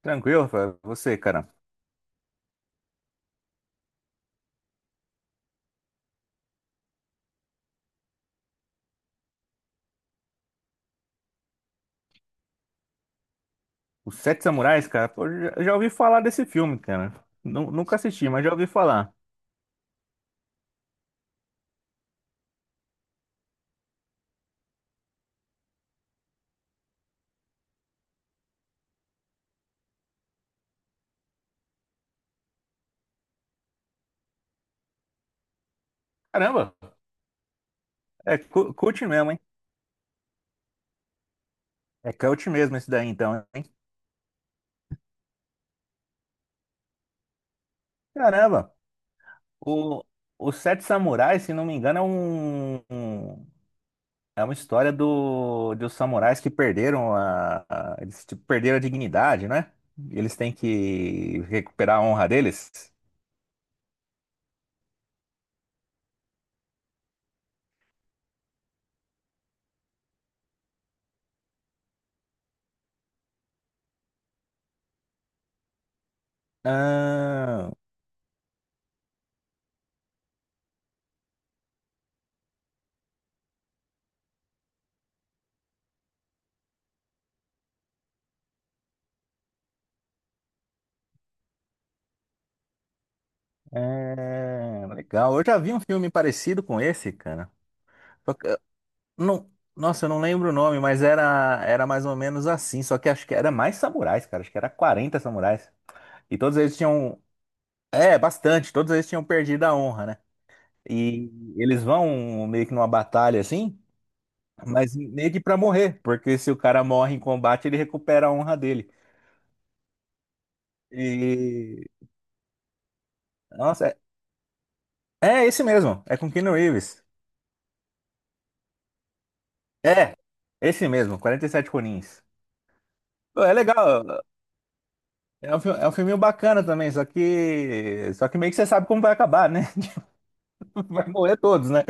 Tranquilo, Rafael. Você, cara. Os Sete Samurais, cara, pô, já ouvi falar desse filme, cara. Nunca assisti, mas já ouvi falar. Caramba, é cult mesmo, hein? É cult mesmo esse daí, então, hein? Caramba, o, os Sete Samurais, se não me engano, é uma história do, dos samurais que eles tipo, perderam a dignidade, né? Eles têm que recuperar a honra deles. Ah, é, legal. Eu já vi um filme parecido com esse, cara. Só que, não, nossa, eu não lembro o nome, mas era mais ou menos assim. Só que acho que era mais samurais, cara. Acho que era 40 samurais. E todos eles tinham. É, bastante. Todos eles tinham perdido a honra, né? E eles vão meio que numa batalha assim, mas meio que pra morrer. Porque se o cara morre em combate, ele recupera a honra dele. E. Nossa, é esse mesmo. É com Keanu Reeves. É, esse mesmo, 47 Conins. Pô, é legal. É um filminho bacana também, só que meio que você sabe como vai acabar, né? Vai morrer todos, né?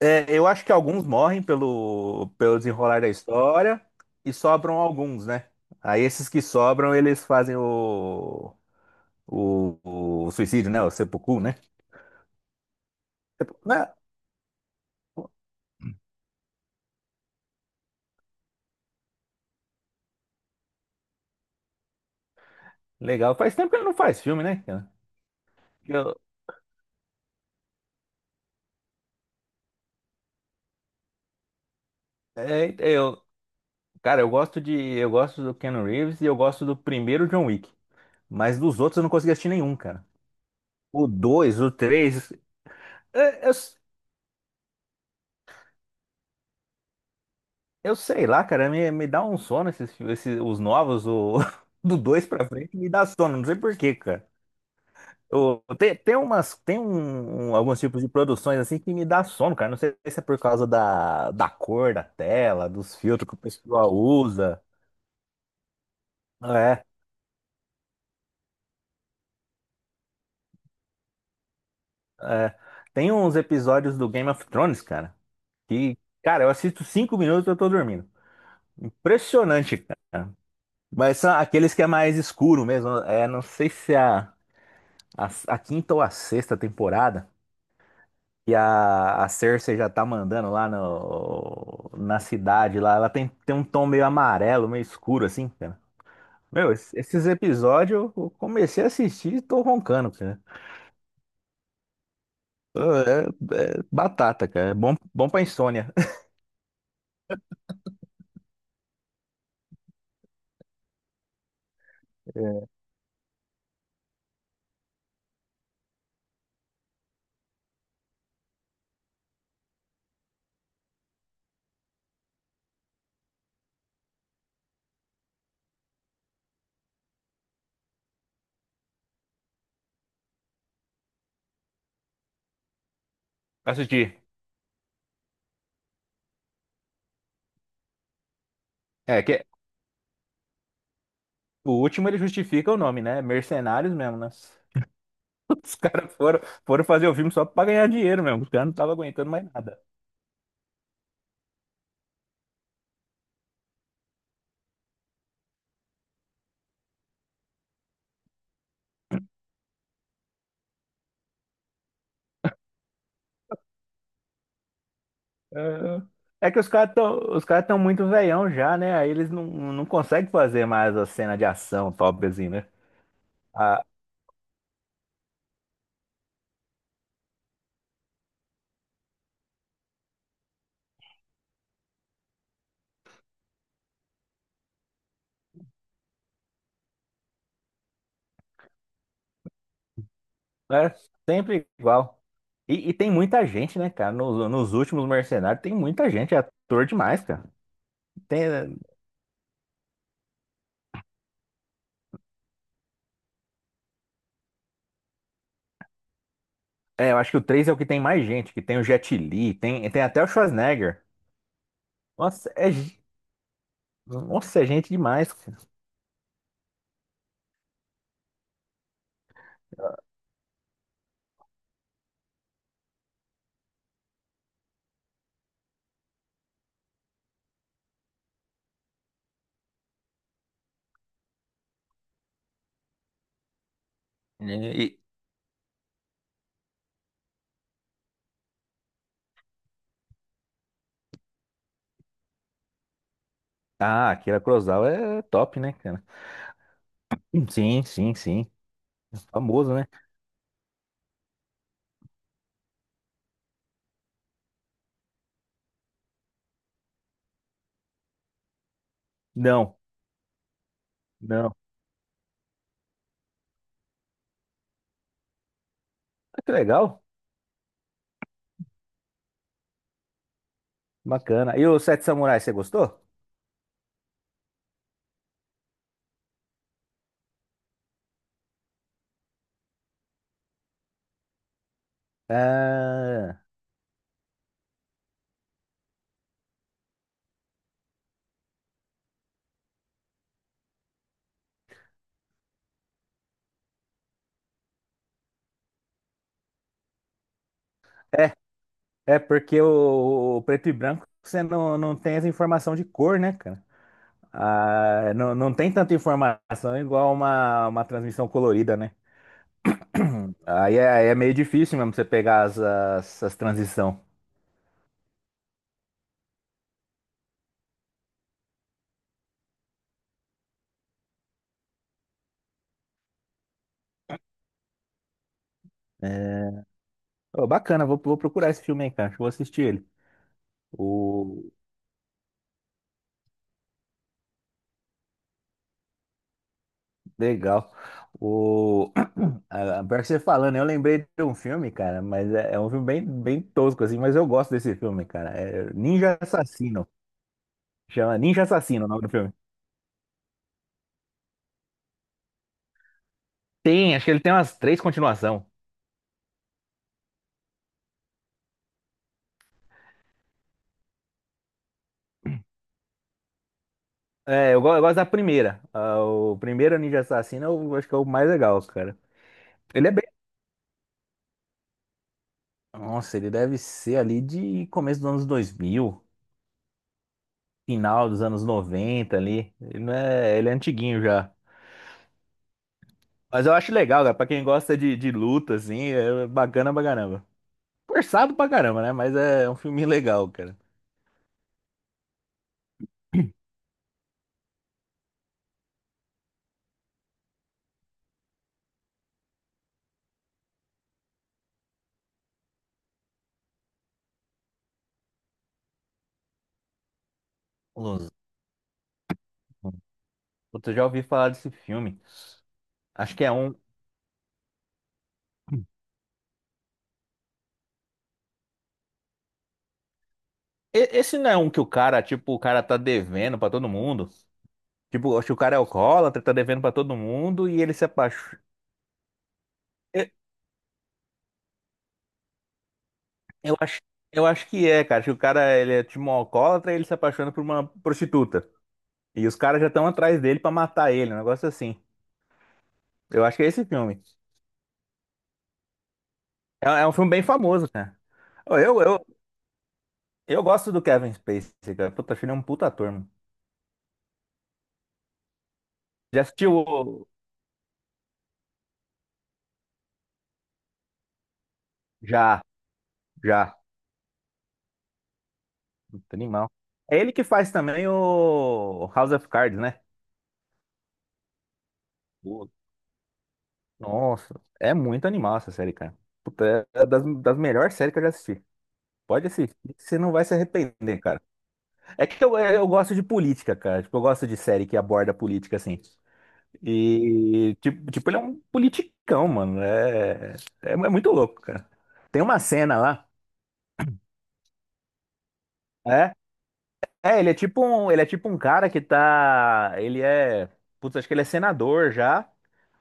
É, eu acho que alguns morrem pelo desenrolar da história e sobram alguns, né? Aí esses que sobram, eles fazem o, o suicídio, né? O seppuku, né? Né? Legal. Faz tempo que ele não faz filme, né, cara? Eu, é, eu, cara, eu gosto do Keanu Reeves e eu gosto do primeiro John Wick, mas dos outros eu não consegui assistir nenhum, cara. O 2, o três. É. Eu sei lá, cara, me dá um sono esses, esses os novos, do 2 pra frente, me dá sono, não sei por quê, cara. Eu, tem, tem umas, tem um, um- alguns tipos de produções assim que me dá sono, cara. Não sei se é por causa da, cor da tela, dos filtros que o pessoal usa. É, é. Tem uns episódios do Game of Thrones, cara, que, cara, eu assisto 5 minutos e eu tô dormindo. Impressionante, cara. Mas são aqueles que é mais escuro mesmo. É, não sei se é. A quinta ou a sexta temporada, e a Cersei já tá mandando lá no, na cidade lá. Ela tem um tom meio amarelo, meio escuro, assim, cara. Meu, esses episódios eu comecei a assistir e tô roncando, cara. É batata, cara. É bom, bom pra insônia. Assistir. É, que o último ele justifica o nome, né? Mercenários mesmo, né? Os caras foram fazer o filme só pra ganhar dinheiro mesmo. Os caras não estavam aguentando mais nada. É que os caras tão muito veião já, né? Aí eles não conseguem fazer mais a cena de ação top assim, né? Ah, é sempre igual. E tem muita gente, né, cara? Nos últimos Mercenários tem muita gente, é ator demais, cara. Tem, eu acho que o 3 é o que tem mais gente, que tem o Jet Li, tem até o Schwarzenegger. Nossa, é gente demais, cara. E, e- Akira Kurosawa é top, né, cara? Sim, sim, sim. Famoso, né? Não. não. Que legal, bacana. E o Sete Samurais, você gostou? Ah, é, é porque o preto e branco você não tem essa informação de cor, né, cara? Ah, não, não tem tanta informação igual uma transmissão colorida, né? Aí é meio difícil mesmo você pegar as transição. É, ô, bacana, vou procurar esse filme aí, cara. Acho que vou assistir ele. O, Legal. O... a- Pior que você falando, eu lembrei de um filme, cara, mas é um filme bem, bem tosco, assim, mas eu gosto desse filme, cara. É Ninja Assassino. Chama Ninja Assassino o nome do filme. Acho que ele tem umas três continuação. É. Eu gosto da primeira. Ah, o primeiro Ninja Assassino eu acho que é o mais legal, cara. Ele é bem. Nossa, ele deve ser ali de começo dos anos 2000, final dos anos 90 ali. Ele, não é, ele é antiguinho já. Mas eu acho legal, cara. Pra quem gosta de luta, assim, é bacana pra caramba. Forçado pra caramba, né? Mas é um filme legal, cara. Los... Puta, eu já ouvi falar desse filme. Acho que é um. Esse não é um que o cara, tipo, o cara tá devendo pra todo mundo. Tipo, acho que o cara é alcoólatra, tá devendo pra todo mundo e ele se apaixona. Eu eu acho, eu acho que é, cara. Acho que o cara, ele é tipo um alcoólatra e ele se apaixona por uma prostituta. E os caras já estão atrás dele pra matar ele, um negócio assim. Eu acho que é esse filme. É um filme bem famoso, cara. Ô, eu gosto do Kevin Spacey, cara. Puta, acho ele é um puta ator, mano. Já assistiu o. Já, já. Puta, animal. É ele que faz também o House of Cards, né? Pô, nossa, é muito animal essa série, cara. Puta, é das melhores séries que eu já assisti. Pode assistir, que você não vai se arrepender, cara. É que eu gosto de política, cara. Tipo, eu gosto de série que aborda política, assim. E, tipo, ele é um politicão, mano. É muito louco, cara. Tem uma cena lá. É, ele é tipo um cara que tá. Ele é. Putz, acho que ele é senador já.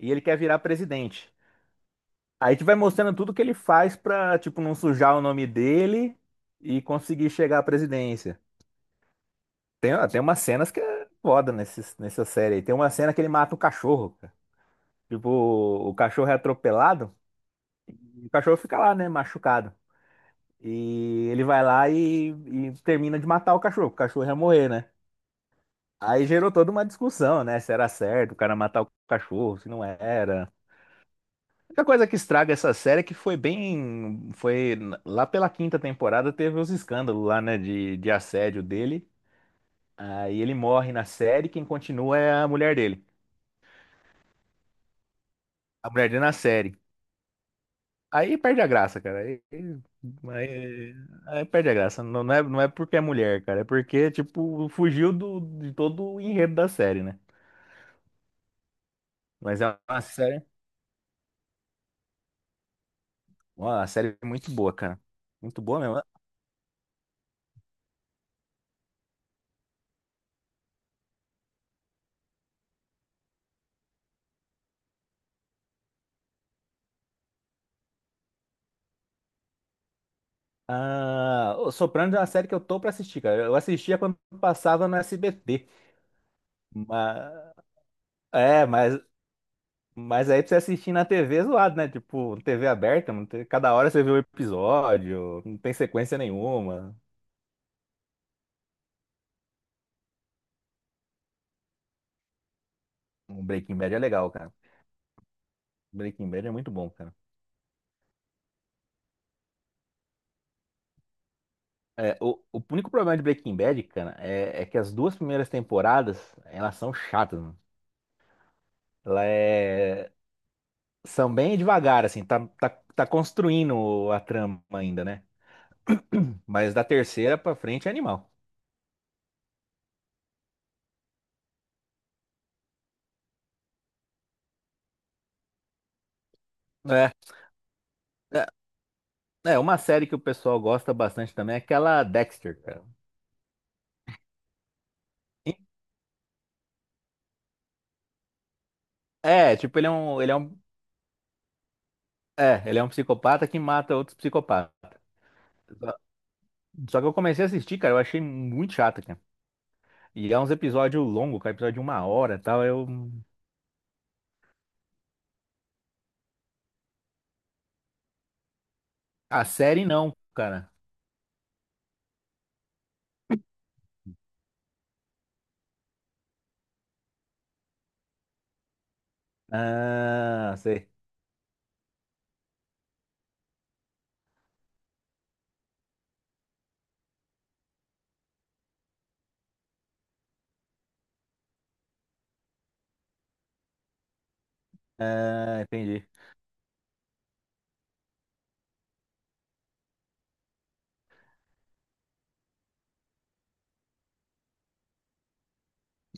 E ele quer virar presidente. Aí tu vai mostrando tudo que ele faz pra, tipo, não sujar o nome dele e conseguir chegar à presidência. Tem umas cenas que é foda nessa série aí. Tem uma cena que ele mata o cachorro, cara. Tipo, o cachorro é atropelado e o cachorro fica lá, né, machucado. E ele vai lá e termina de matar o cachorro ia morrer, né? Aí gerou toda uma discussão, né? Se era certo o cara matar o cachorro, se não era. A única coisa que estraga essa série é que foi bem. Foi lá pela quinta temporada teve os escândalos lá, né? De assédio dele. Aí ele morre na série, quem continua é a mulher dele. A mulher dele na série. Aí perde a graça, cara. Aí, aí perde a graça. Não, não é porque é mulher, cara. É porque, tipo, fugiu de todo o enredo da série, né? Mas é uma série muito boa, cara. Muito boa mesmo. Ah, o Sopranos é uma série que eu tô pra assistir, cara. Eu assistia quando passava no SBT. Mas, é, mas, mas aí pra você assistir na TV é zoado, né? Tipo, TV aberta, não tem- cada hora você vê um episódio, não tem sequência nenhuma. Um Breaking Bad é legal, cara. Breaking Bad é muito bom, cara. É, o único problema de Breaking Bad, cara, é que as duas primeiras temporadas, elas são chatas, mano. Ela é... São bem devagar, assim, tá construindo a trama ainda, né? Mas da terceira pra frente é animal. É, é, uma série que o pessoal gosta bastante também é aquela Dexter, cara. E- É, tipo, ele é um, ele é um, ele é um psicopata que mata outros psicopatas. Só só que eu comecei a assistir, cara, eu achei muito chato, cara. E é uns episódios longos, cara, episódio de 1 hora e tal. A série não, cara. Ah, sei. Ah, entendi.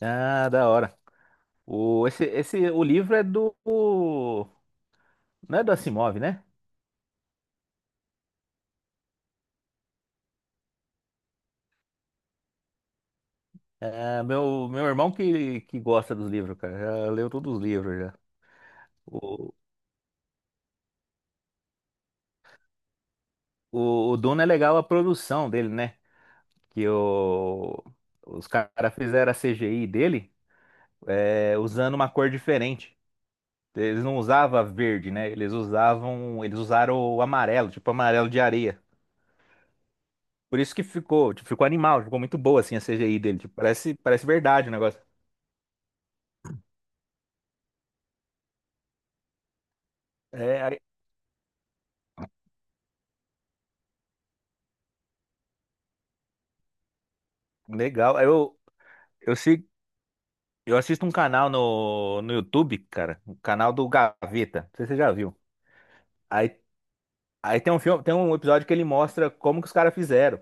Ah, da hora. O livro é do. Não é do Asimov, né? É meu irmão que gosta dos livros, cara. Já leu todos os livros já. O, o Duna é legal a produção dele, né? Que os caras fizeram a CGI dele usando uma cor diferente. Eles não usavam verde, né? Eles usaram o amarelo, tipo amarelo de areia. Por isso que ficou, tipo, ficou animal, ficou muito boa assim a CGI dele, tipo, parece verdade o negócio. É, aí- legal. Eu sigo, eu assisto um canal no YouTube, cara, o canal do Gaveta. Não sei se você já viu. Aí aí tem tem um episódio que ele mostra como que os caras fizeram.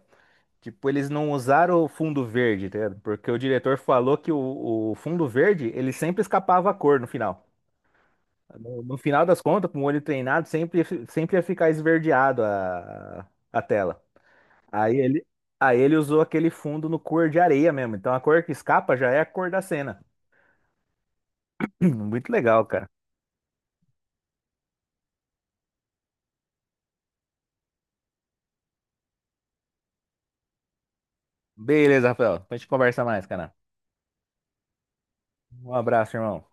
Tipo, eles não usaram o fundo verde, tá ligado? Porque o diretor falou que o fundo verde, ele sempre escapava a cor no final. No final das contas, com o olho treinado, sempre ia ficar esverdeado a tela. Aí ele, aí ele usou aquele fundo no cor de areia mesmo. Então a cor que escapa já é a cor da cena. Muito legal, cara. Beleza, Rafael. Depois a gente conversa mais, cara. Um abraço, irmão.